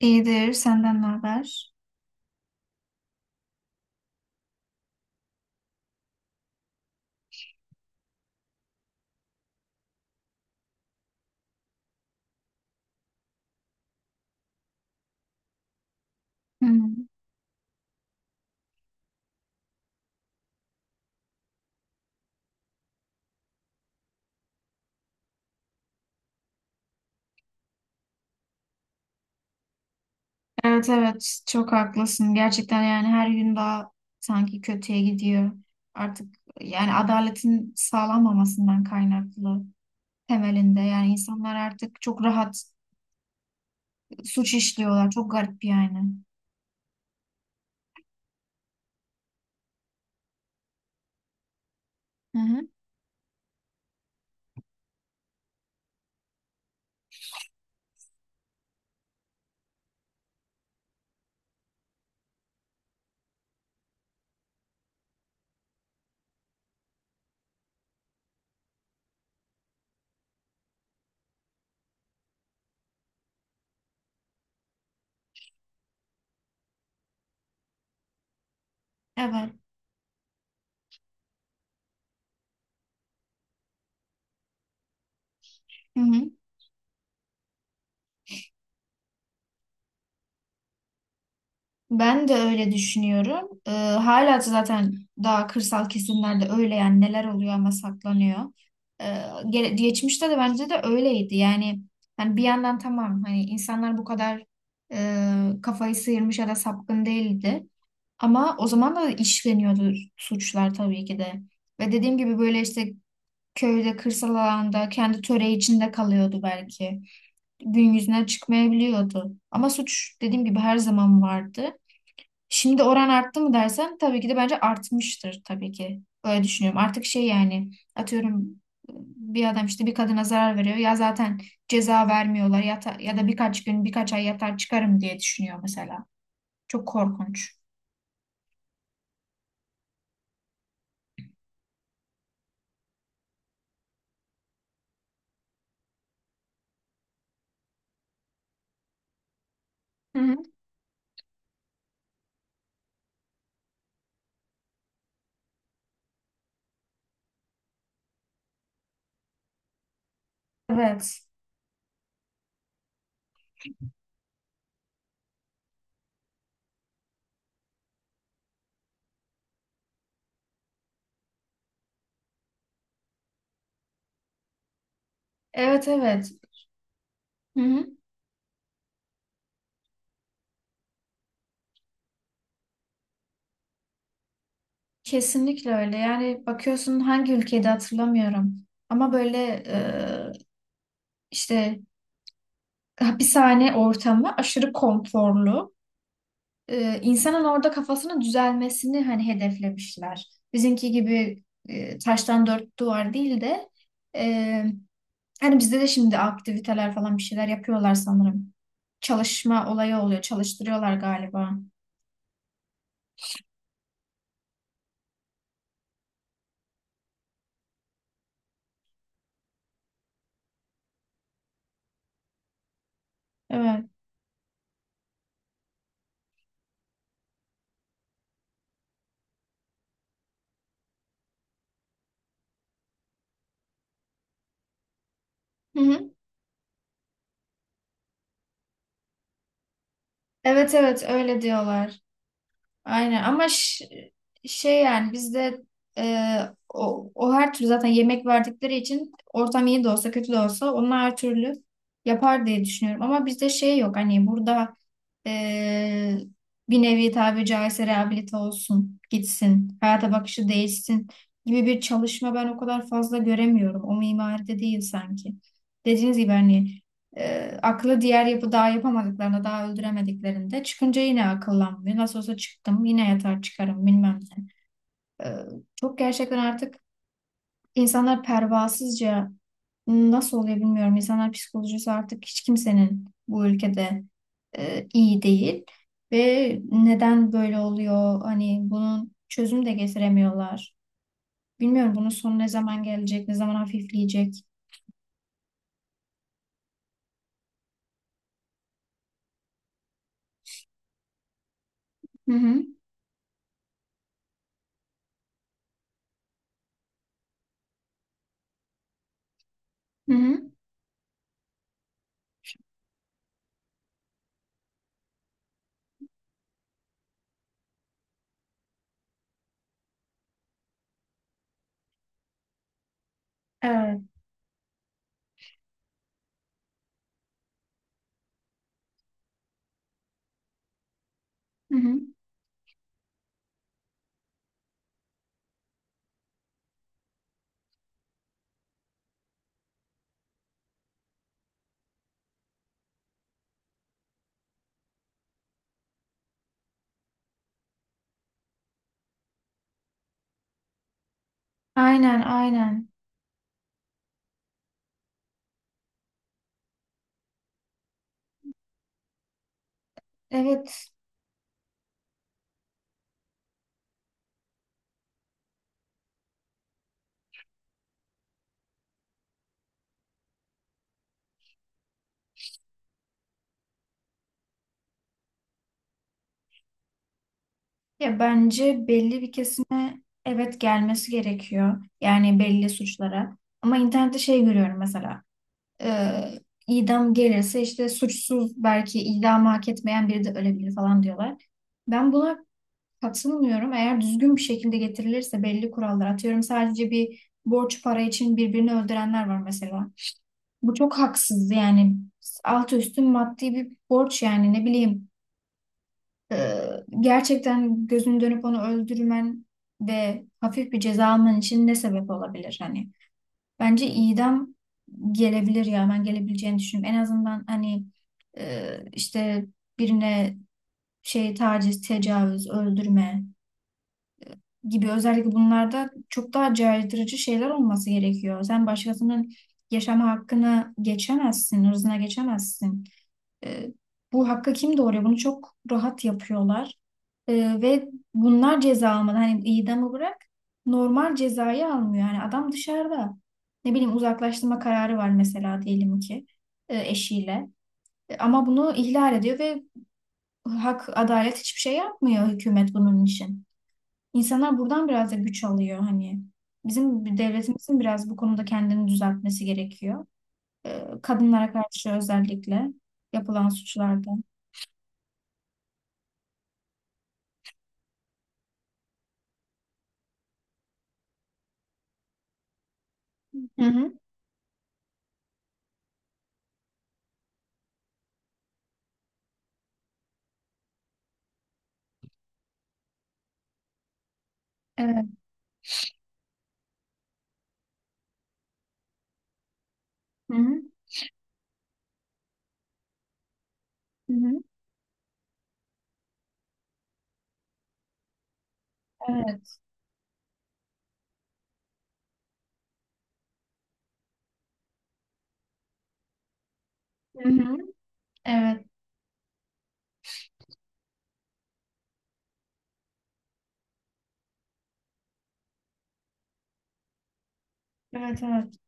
İyidir, senden ne haber? Hmm. Evet evet, çok haklısın. Gerçekten yani her gün daha sanki kötüye gidiyor. Artık yani adaletin sağlanmamasından kaynaklı temelinde. Yani insanlar artık çok rahat suç işliyorlar. Çok garip yani. Hı hı. Evet. Hı hı. Ben de öyle düşünüyorum. Hala da zaten daha kırsal kesimlerde öyle yani neler oluyor ama saklanıyor. Ee, Geçmişte de bence de öyleydi. Yani bir yandan tamam hani insanlar bu kadar kafayı sıyırmış ya da sapkın değildi. Ama o zaman da işleniyordu suçlar tabii ki de. Ve dediğim gibi böyle işte köyde, kırsal alanda kendi töre içinde kalıyordu belki. Gün yüzüne çıkmayabiliyordu. Ama suç dediğim gibi her zaman vardı. Şimdi oran arttı mı dersen tabii ki de bence artmıştır tabii ki. Öyle düşünüyorum. Artık şey yani atıyorum bir adam işte bir kadına zarar veriyor ya zaten ceza vermiyorlar ya, ya da birkaç gün birkaç ay yatar çıkarım diye düşünüyor mesela. Çok korkunç. Hı hı. Evet. Evet evet. Hı hı. Kesinlikle öyle. Yani bakıyorsun hangi ülkede hatırlamıyorum. Ama böyle e, işte hapishane ortamı aşırı konforlu. İnsanın orada kafasının düzelmesini hani hedeflemişler. Bizimki gibi taştan dört duvar değil de e, hani bizde de şimdi aktiviteler falan bir şeyler yapıyorlar sanırım. Çalışma olayı oluyor, çalıştırıyorlar galiba. Evet. Hı hı. Evet evet öyle diyorlar. Aynen ama şey yani bizde e, o her türlü zaten yemek verdikleri için ortam iyi de olsa kötü de olsa onlar her türlü yapar diye düşünüyorum. Ama bizde şey yok hani burada e, bir nevi tabi caizse rehabilite olsun, gitsin, hayata bakışı değişsin gibi bir çalışma ben o kadar fazla göremiyorum. O mimaride değil sanki. Dediğiniz gibi hani aklı diğer yapı daha yapamadıklarında, daha öldüremediklerinde çıkınca yine akıllanmıyor. Nasıl olsa çıktım, yine yatar çıkarım bilmem ne. Çok gerçekten artık insanlar pervasızca nasıl oluyor bilmiyorum. İnsanlar psikolojisi artık hiç kimsenin bu ülkede iyi değil. Ve neden böyle oluyor? Hani bunun çözüm de getiremiyorlar. Bilmiyorum bunun sonu ne zaman gelecek, ne zaman hafifleyecek. Hı hı. Hı hı. Evet. Hı hı. Aynen, aynen. Evet, ya bence belli bir kesime evet gelmesi gerekiyor. Yani belli suçlara. Ama internette şey görüyorum mesela. E, idam gelirse işte suçsuz belki idamı hak etmeyen biri de ölebilir falan diyorlar. Ben buna katılmıyorum. Eğer düzgün bir şekilde getirilirse belli kurallar atıyorum. Sadece bir borç para için birbirini öldürenler var mesela. Bu çok haksız yani alt üstü maddi bir borç yani ne bileyim. Ee, Gerçekten gözünü dönüp onu öldürmen ve hafif bir ceza alman için ne sebep olabilir hani? Bence idam gelebilir ya ben gelebileceğini düşünüyorum. En azından hani işte birine şey taciz, tecavüz, öldürme gibi özellikle bunlarda çok daha caydırıcı şeyler olması gerekiyor. Sen başkasının yaşama hakkını geçemezsin, hırzına geçemezsin. E, Bu hakka kim doğuruyor? Bunu çok rahat yapıyorlar. E, Ve bunlar ceza almadan hani idamı bırak normal cezayı almıyor. Yani adam dışarıda ne bileyim uzaklaştırma kararı var mesela diyelim ki eşiyle. Ama bunu ihlal ediyor ve hak adalet hiçbir şey yapmıyor hükümet bunun için. İnsanlar buradan biraz da güç alıyor hani. Bizim devletimizin biraz bu konuda kendini düzeltmesi gerekiyor. Kadınlara karşı özellikle yapılan suçlarda. Hı hı. Evet. Hı hı. Hı hı. Evet. Hı hı. Evet. Evet. Evet.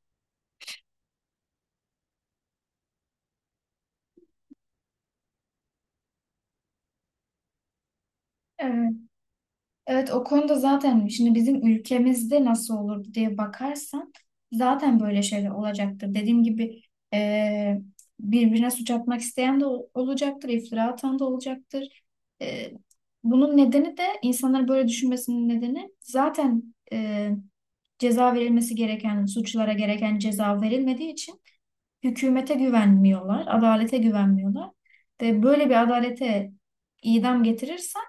Evet. Evet. O konuda zaten şimdi bizim ülkemizde nasıl olurdu diye bakarsan zaten böyle şeyler olacaktır. Dediğim gibi eee, birbirine suç atmak isteyen de olacaktır. İftira atan da olacaktır. Eee, bunun nedeni de insanların böyle düşünmesinin nedeni zaten ceza verilmesi gereken suçlara gereken ceza verilmediği için hükümete güvenmiyorlar, adalete güvenmiyorlar. Ve böyle bir adalete idam getirirsen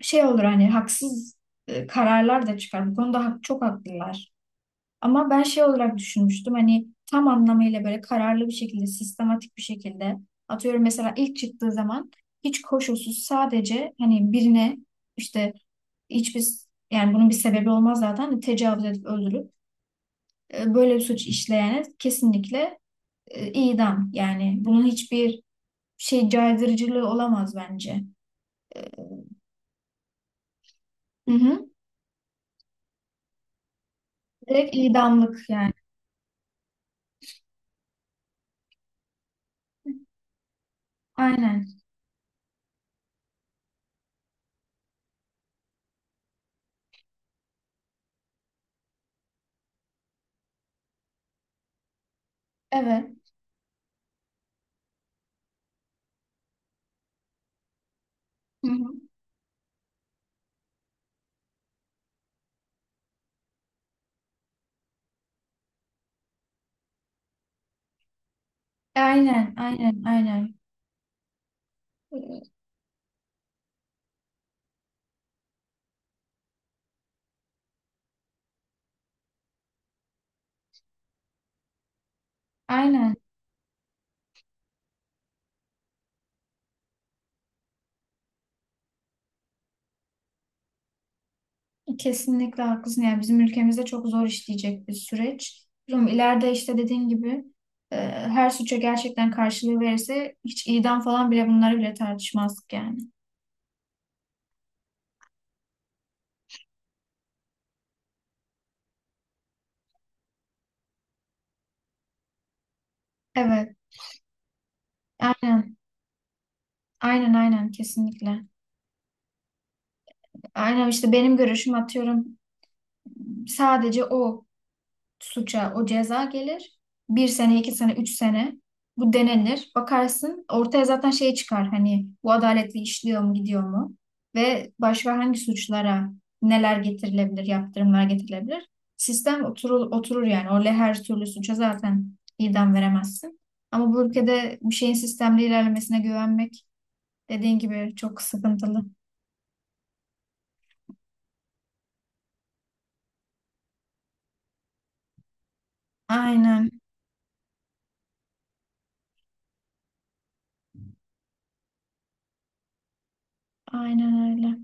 şey olur hani haksız kararlar da çıkar. Bu konuda hak, çok haklılar. Ama ben şey olarak düşünmüştüm hani tam anlamıyla böyle kararlı bir şekilde, sistematik bir şekilde atıyorum mesela ilk çıktığı zaman hiç koşulsuz sadece hani birine işte hiçbir yani bunun bir sebebi olmaz zaten tecavüz edip öldürüp böyle bir suç işleyene kesinlikle idam. Yani bunun hiçbir şey caydırıcılığı olamaz bence. Hı hı. Direkt idamlık yani. Aynen. Evet. Hı hı. Aynen, aynen, aynen. Ee, Aynen. Kesinlikle haklısın. Yani bizim ülkemizde çok zor işleyecek bir süreç. Bilmiyorum, ileride işte dediğin gibi her suça gerçekten karşılığı verirse hiç idam falan bile bunları bile tartışmazdık yani. Evet. Aynen. Aynen aynen kesinlikle. Aynen işte benim görüşüm atıyorum sadece o. Suça o ceza gelir. Bir sene, 2 sene, 3 sene bu denenir. Bakarsın ortaya zaten şey çıkar hani bu adaletli işliyor mu gidiyor mu? Ve başka hangi suçlara neler getirilebilir, yaptırımlar getirilebilir? Sistem oturur, oturur yani. Orada her türlü suça zaten idam veremezsin. Ama bu ülkede bir şeyin sistemli ilerlemesine güvenmek dediğin gibi çok sıkıntılı. Aynen, aynen öyle.